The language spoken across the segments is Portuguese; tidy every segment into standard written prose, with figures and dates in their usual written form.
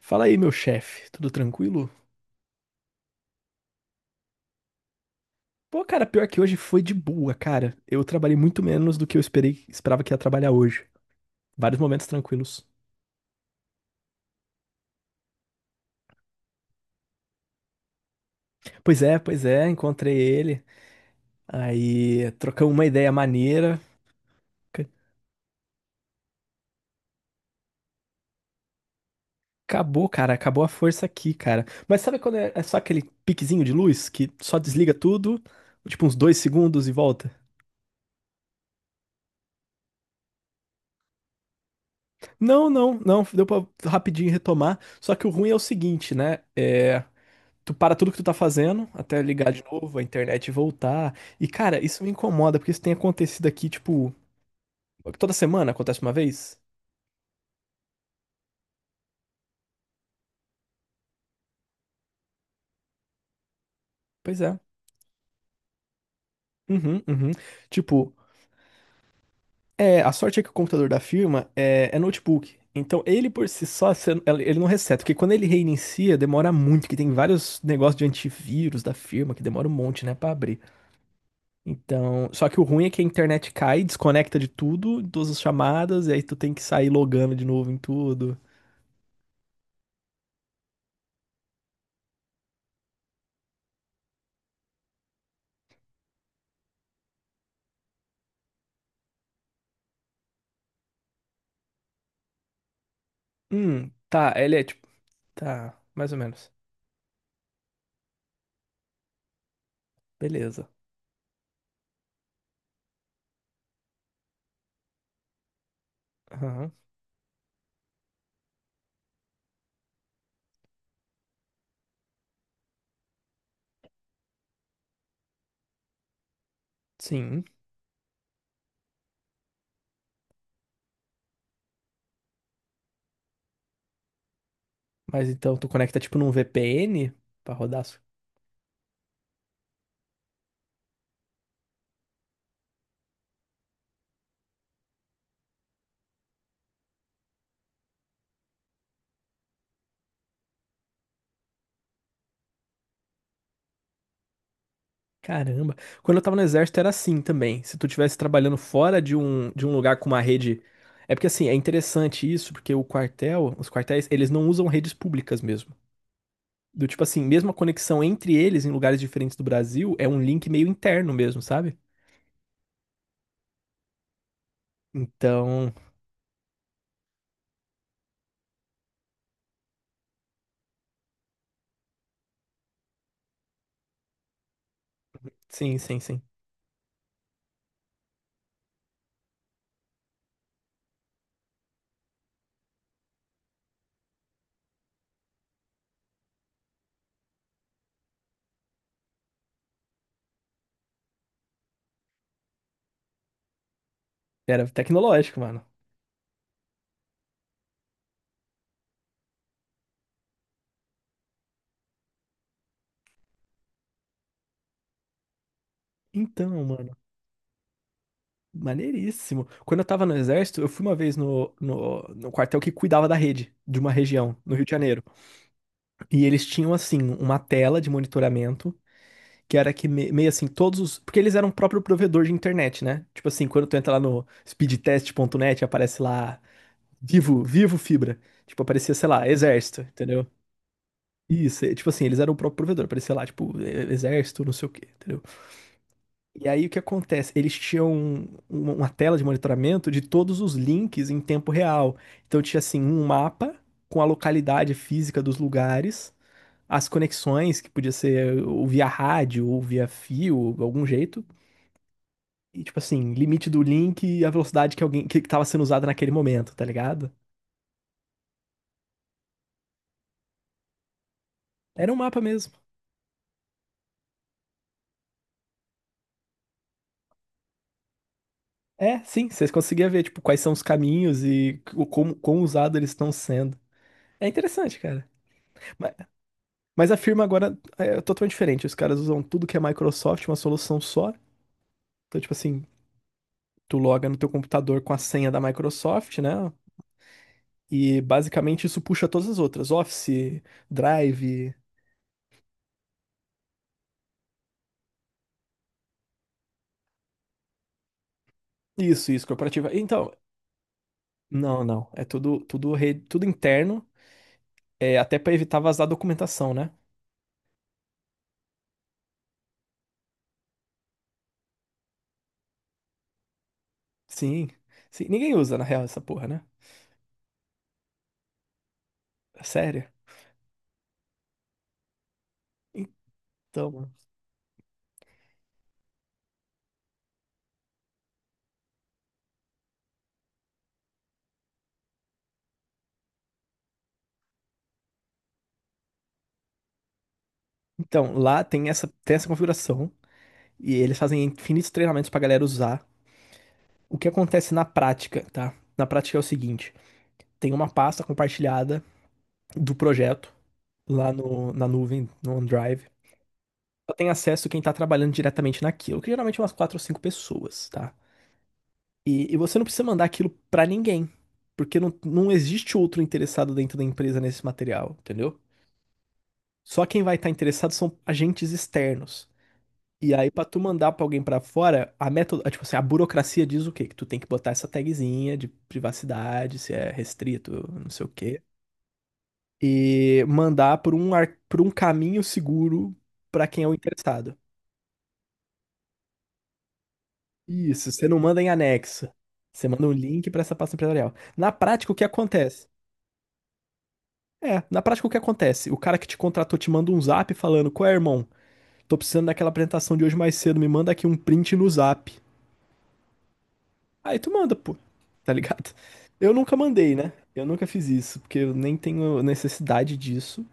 Fala aí, meu chefe, tudo tranquilo? Pô, cara, pior que hoje foi de boa, cara. Eu trabalhei muito menos do que eu esperava que ia trabalhar hoje. Vários momentos tranquilos. Pois é, encontrei ele. Aí trocamos uma ideia maneira. Ca- Acabou, cara, acabou a força aqui, cara. Mas sabe quando é só aquele piquezinho de luz que só desliga tudo, tipo uns dois segundos e volta? Não, não, não, deu pra rapidinho retomar. Só que o ruim é o seguinte, né? É. Tu para tudo que tu tá fazendo, até ligar de novo, a internet voltar. E, cara, isso me incomoda, porque isso tem acontecido aqui, tipo, toda semana acontece uma vez? Pois é. Uhum, uhum. Tipo, é, a sorte é que o computador da firma é notebook. Então, ele por si só, ele não reseta, porque quando ele reinicia, demora muito, que tem vários negócios de antivírus da firma, que demora um monte, né, pra abrir. Então, só que o ruim é que a internet cai, desconecta de tudo, todas as chamadas, e aí tu tem que sair logando de novo em tudo. Tá, ele é tipo. Tá, mais ou menos. Beleza. Aham, sim. Mas então tu conecta tipo num VPN pra rodar. Caramba. Quando eu tava no exército era assim também. Se tu estivesse trabalhando fora de um lugar com uma rede. É porque assim, é interessante isso, porque o quartel, os quartéis, eles não usam redes públicas mesmo. Do tipo assim, mesmo a conexão entre eles em lugares diferentes do Brasil é um link meio interno mesmo, sabe? Então, sim, sim, sim. Era tecnológico, mano. Então, mano. Maneiríssimo. Quando eu tava no exército, eu fui uma vez no, no quartel que cuidava da rede de uma região, no Rio de Janeiro. E eles tinham, assim, uma tela de monitoramento, que era meio assim, todos os. Porque eles eram o próprio provedor de internet, né? Tipo assim, quando tu entra lá no speedtest.net, aparece lá, vivo, vivo fibra. Tipo, aparecia, sei lá, exército, entendeu? Isso, é, tipo assim, eles eram o próprio provedor, aparecia lá, tipo, exército, não sei o quê, entendeu? E aí o que acontece? Eles tinham uma tela de monitoramento de todos os links em tempo real. Então tinha assim um mapa com a localidade física dos lugares, as conexões que podia ser ou via rádio ou via fio, ou de algum jeito, e tipo assim, limite do link e a velocidade que alguém que estava sendo usada naquele momento, tá ligado? Era um mapa mesmo. É, sim, vocês conseguiam ver tipo quais são os caminhos e o como quão usados eles estão sendo. É interessante, cara. Mas a firma agora é totalmente diferente. Os caras usam tudo que é Microsoft, uma solução só. Então, tipo assim, tu loga no teu computador com a senha da Microsoft, né? E basicamente isso puxa todas as outras. Office, Drive, isso, corporativa. Então, não, não. É tudo, tudo, rede, tudo interno. É até pra evitar vazar documentação, né? Sim. Sim. Ninguém usa, na real, essa porra, né? É sério? Então, mano. Então, lá tem essa configuração. E eles fazem infinitos treinamentos pra galera usar. O que acontece na prática, tá? Na prática é o seguinte: tem uma pasta compartilhada do projeto lá no, na nuvem, no OneDrive. Só tem acesso quem está trabalhando diretamente naquilo, que geralmente é umas quatro ou cinco pessoas, tá? E você não precisa mandar aquilo para ninguém, porque não existe outro interessado dentro da empresa nesse material, entendeu? Só quem vai estar tá interessado são agentes externos. E aí, pra tu mandar pra alguém pra fora, a método, tipo assim, a burocracia diz o quê? Que tu tem que botar essa tagzinha de privacidade, se é restrito, não sei o quê, e mandar por por um caminho seguro pra quem é o interessado. Isso, você não manda em anexo. Você manda um link pra essa pasta empresarial. Na prática, o que acontece? É, na prática, o que acontece? O cara que te contratou te manda um zap falando: Qual é, irmão? Tô precisando daquela apresentação de hoje mais cedo, me manda aqui um print no zap. Aí tu manda, pô, tá ligado? Eu nunca mandei, né? Eu nunca fiz isso, porque eu nem tenho necessidade disso.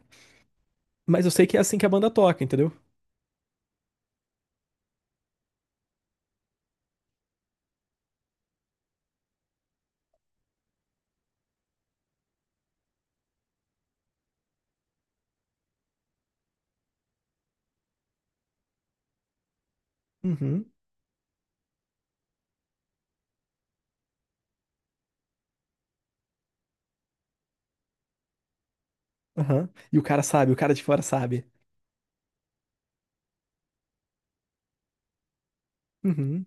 Mas eu sei que é assim que a banda toca, entendeu? Uhum, aham. E o cara sabe, o cara de fora sabe. Uhum.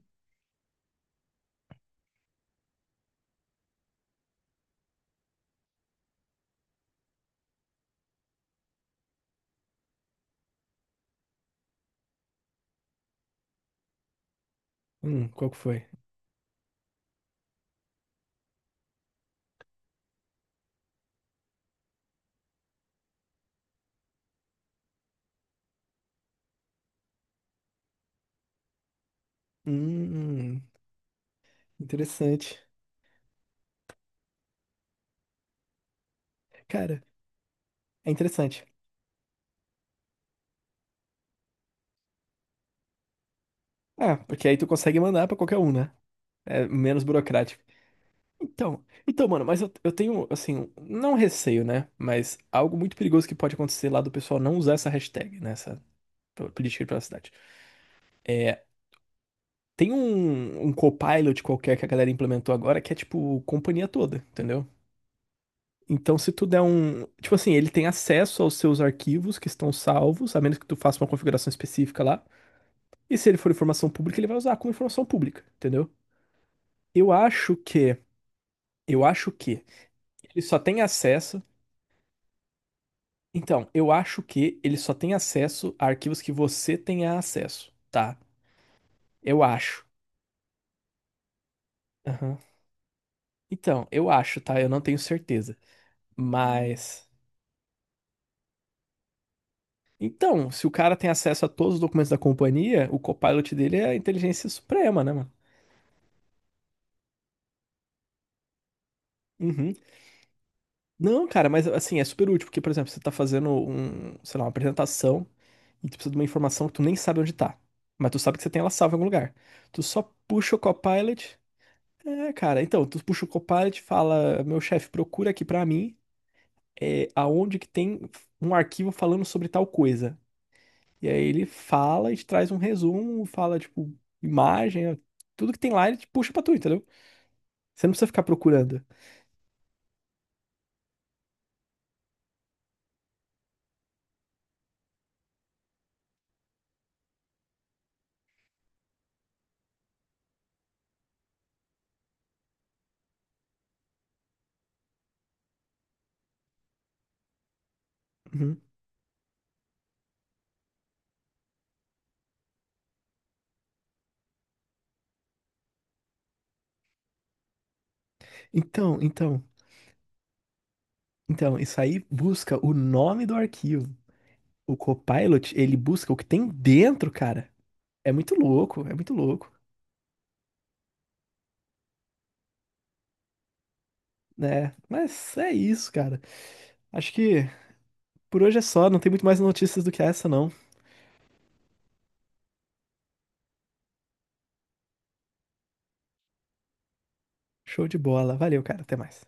Qual que foi? Hum, interessante. Cara, é interessante. Ah, porque aí tu consegue mandar pra qualquer um, né? É menos burocrático. Então, mano, mas eu tenho, assim, não receio, né? Mas algo muito perigoso que pode acontecer lá do pessoal não usar essa hashtag, né? Essa política de privacidade. É, tem um Copilot qualquer que a galera implementou agora que é tipo companhia toda, entendeu? Então, se tu der um. Tipo assim, ele tem acesso aos seus arquivos que estão salvos, a menos que tu faça uma configuração específica lá. E se ele for informação pública, ele vai usar como informação pública, entendeu? Eu acho que. Eu acho que ele só tem acesso. Então, eu acho que ele só tem acesso a arquivos que você tenha acesso, tá? Eu acho. Aham. Então, eu acho, tá? Eu não tenho certeza. Mas. Então, se o cara tem acesso a todos os documentos da companhia, o Copilot dele é a inteligência suprema, né, mano? Uhum. Não, cara, mas assim, é super útil, porque, por exemplo, você tá fazendo um, sei lá, uma apresentação e tu precisa de uma informação que tu nem sabe onde tá. Mas tu sabe que você tem ela salva em algum lugar. Tu só puxa o Copilot. É, cara, então, tu puxa o Copilot, fala, meu chefe, procura aqui pra mim, é, aonde que tem um arquivo falando sobre tal coisa. E aí ele fala e te traz um resumo, fala, tipo, imagem, tudo que tem lá ele te puxa pra tu, entendeu? Você não precisa ficar procurando. Uhum. Então, então, então, isso aí busca o nome do arquivo. O Copilot, ele busca o que tem dentro, cara. É muito louco, né? Mas é isso, cara. Acho que por hoje é só, não tem muito mais notícias do que essa, não. Show de bola. Valeu, cara. Até mais.